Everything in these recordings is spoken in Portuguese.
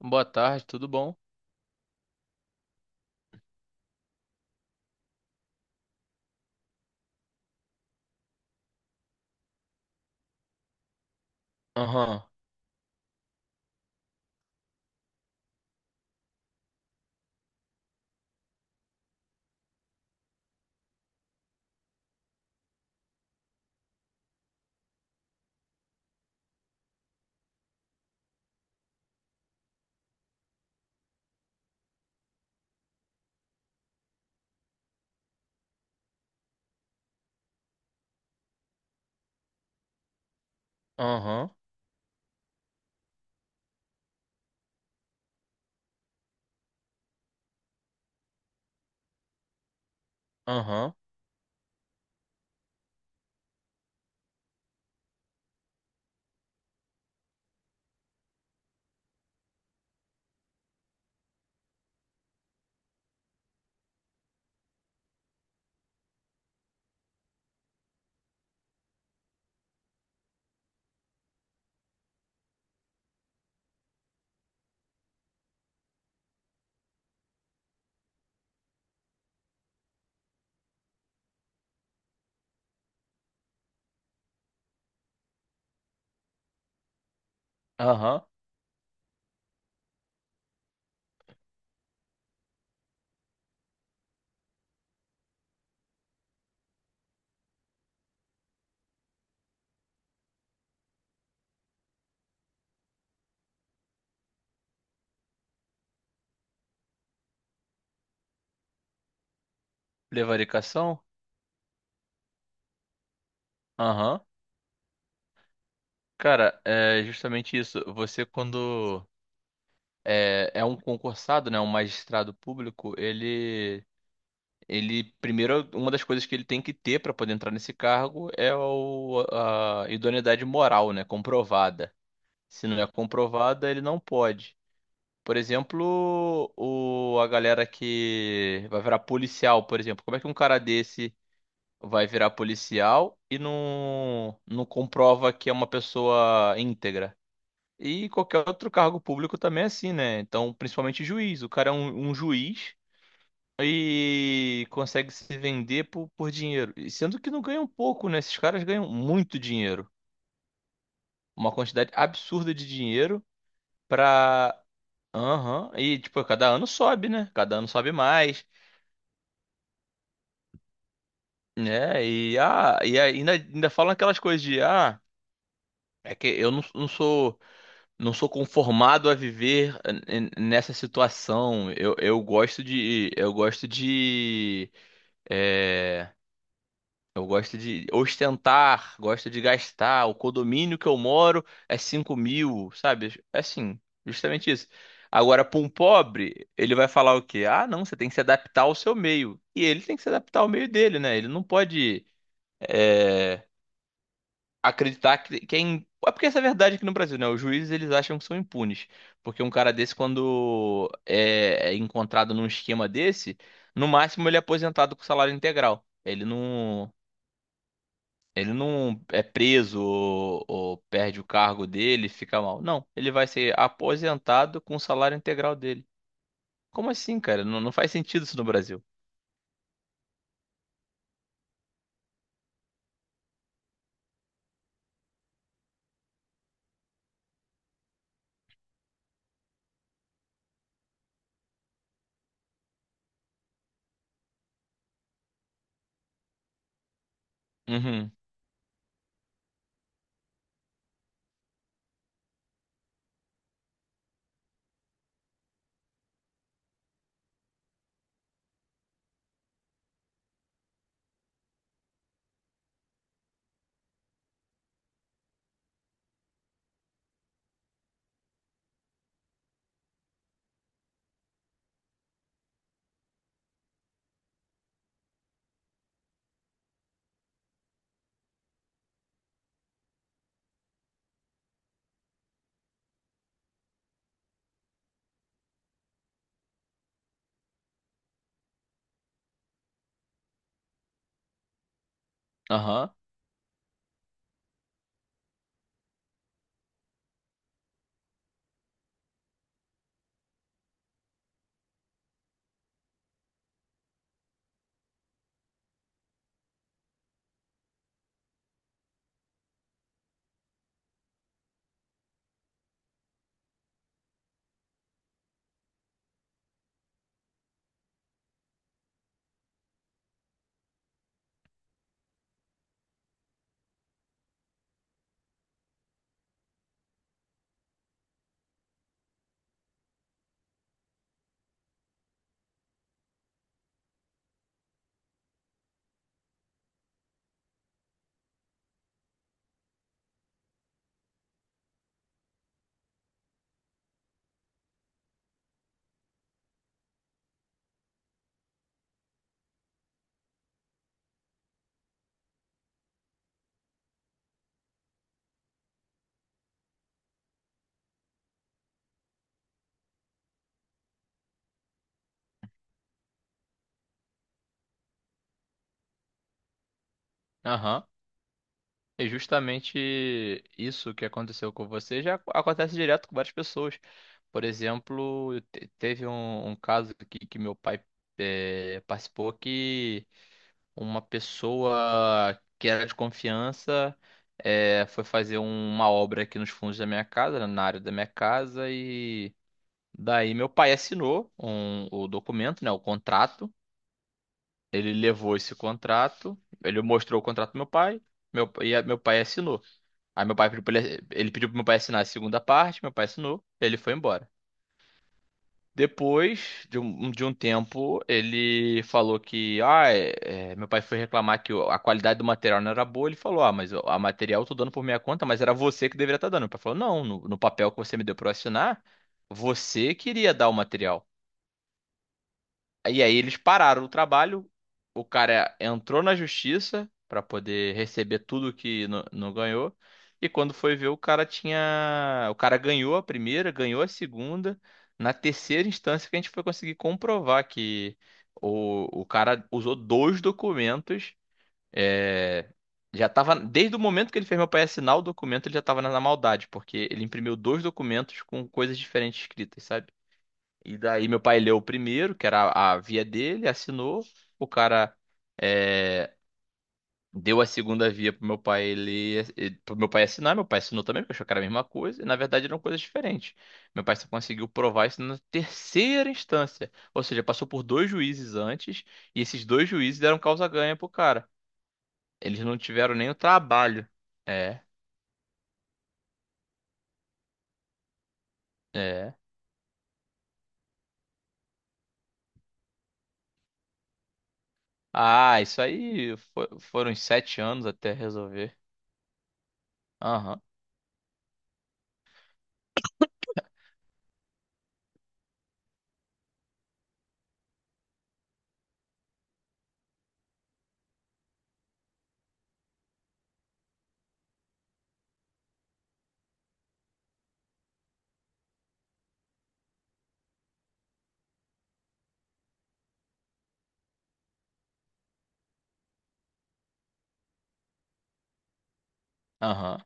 Boa tarde, tudo bom? Aham, aham, aham, aham. Prevaricação? Aham. Cara, é justamente isso. Você, quando é um concursado, né, um magistrado público, ele primeiro, uma das coisas que ele tem que ter para poder entrar nesse cargo é a idoneidade moral, né, comprovada. Se não é comprovada, ele não pode. Por exemplo, o, a galera que vai virar policial, por exemplo, como é que um cara desse vai virar policial e não comprova que é uma pessoa íntegra. E qualquer outro cargo público também é assim, né? Então, principalmente juiz. O cara é um juiz e consegue se vender por dinheiro. E sendo que não ganham pouco, né? Esses caras ganham muito dinheiro. Uma quantidade absurda de dinheiro pra. Aham. E, tipo, cada ano sobe, né? Cada ano sobe mais. Né? E, ah, e ainda, ainda falam aquelas coisas de, ah, é que eu não sou conformado a viver nessa situação. Eu gosto de, é, eu gosto de ostentar, gosto de gastar. O condomínio que eu moro é 5.000, sabe? É Assim, justamente isso. Agora, para um pobre, ele vai falar o quê? Ah, não, você tem que se adaptar ao seu meio. E ele tem que se adaptar ao meio dele, né? Ele não pode, eh, acreditar que, quem é, é porque essa é a verdade aqui no Brasil, né? Os juízes eles acham que são impunes, porque um cara desse quando é encontrado num esquema desse, no máximo ele é aposentado com salário integral. Ele não é preso ou perde o cargo dele, fica mal. Não, ele vai ser aposentado com o salário integral dele. Como assim, cara? Não faz sentido isso no Brasil. Uhum. Aham. Aham. E justamente isso que aconteceu com você já acontece direto com várias pessoas. Por exemplo, teve um caso que meu pai participou que uma pessoa que era de confiança foi fazer uma obra aqui nos fundos da minha casa, né, na área da minha casa, e daí meu pai assinou o documento, né, o contrato. Ele levou esse contrato, ele mostrou o contrato pro meu pai, meu, e meu pai assinou. Aí meu pai pediu pra ele, ele pediu pro meu pai assinar a segunda parte, meu pai assinou, ele foi embora. Depois de de um tempo, ele falou que, ah, meu pai foi reclamar que a qualidade do material não era boa. Ele falou, ah, mas o a material eu tô dando por minha conta, mas era você que deveria estar dando. Meu pai falou, não, no papel que você me deu pra eu assinar, você queria dar o material. E aí eles pararam o trabalho, o cara entrou na justiça pra poder receber tudo que não ganhou. E quando foi ver, o cara tinha, o cara ganhou a primeira, ganhou a segunda, na terceira instância que a gente foi conseguir comprovar que o cara usou dois documentos, é, já tava, desde o momento que ele fez meu pai assinar o documento, ele já tava na maldade, porque ele imprimiu dois documentos com coisas diferentes escritas, sabe? E daí meu pai leu o primeiro, que era a via dele, assinou. O cara é, deu a segunda via pro meu pai ler, pro meu pai assinar. Meu pai assinou também, porque achou que era a mesma coisa. E na verdade eram coisas diferentes. Meu pai só conseguiu provar isso na terceira instância. Ou seja, passou por dois juízes antes, e esses dois juízes deram causa ganha pro cara. Eles não tiveram nem o trabalho. É, é. Ah, isso aí foram uns 7 anos até resolver. Aham, aham.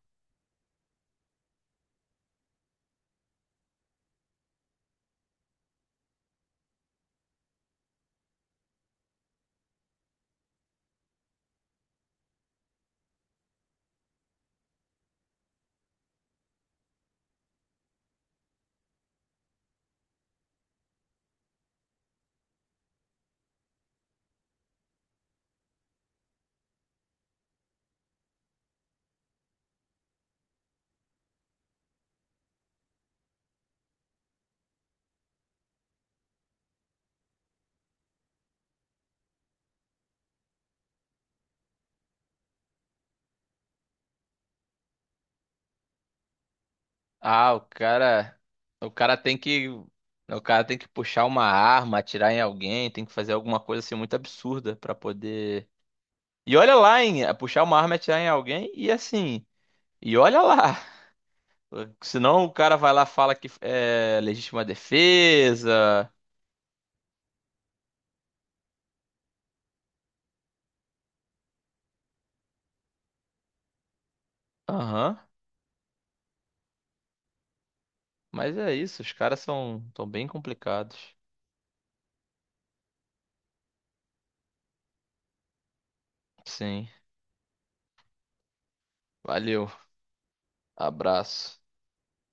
Ah, o cara, o cara tem que puxar uma arma, atirar em alguém, tem que fazer alguma coisa assim muito absurda pra poder. E olha lá, hein, é puxar uma arma, atirar em alguém e assim, e olha lá. Senão o cara vai lá e fala que é legítima defesa. Aham. Mas é isso, os caras são bem complicados. Sim. Valeu. Abraço.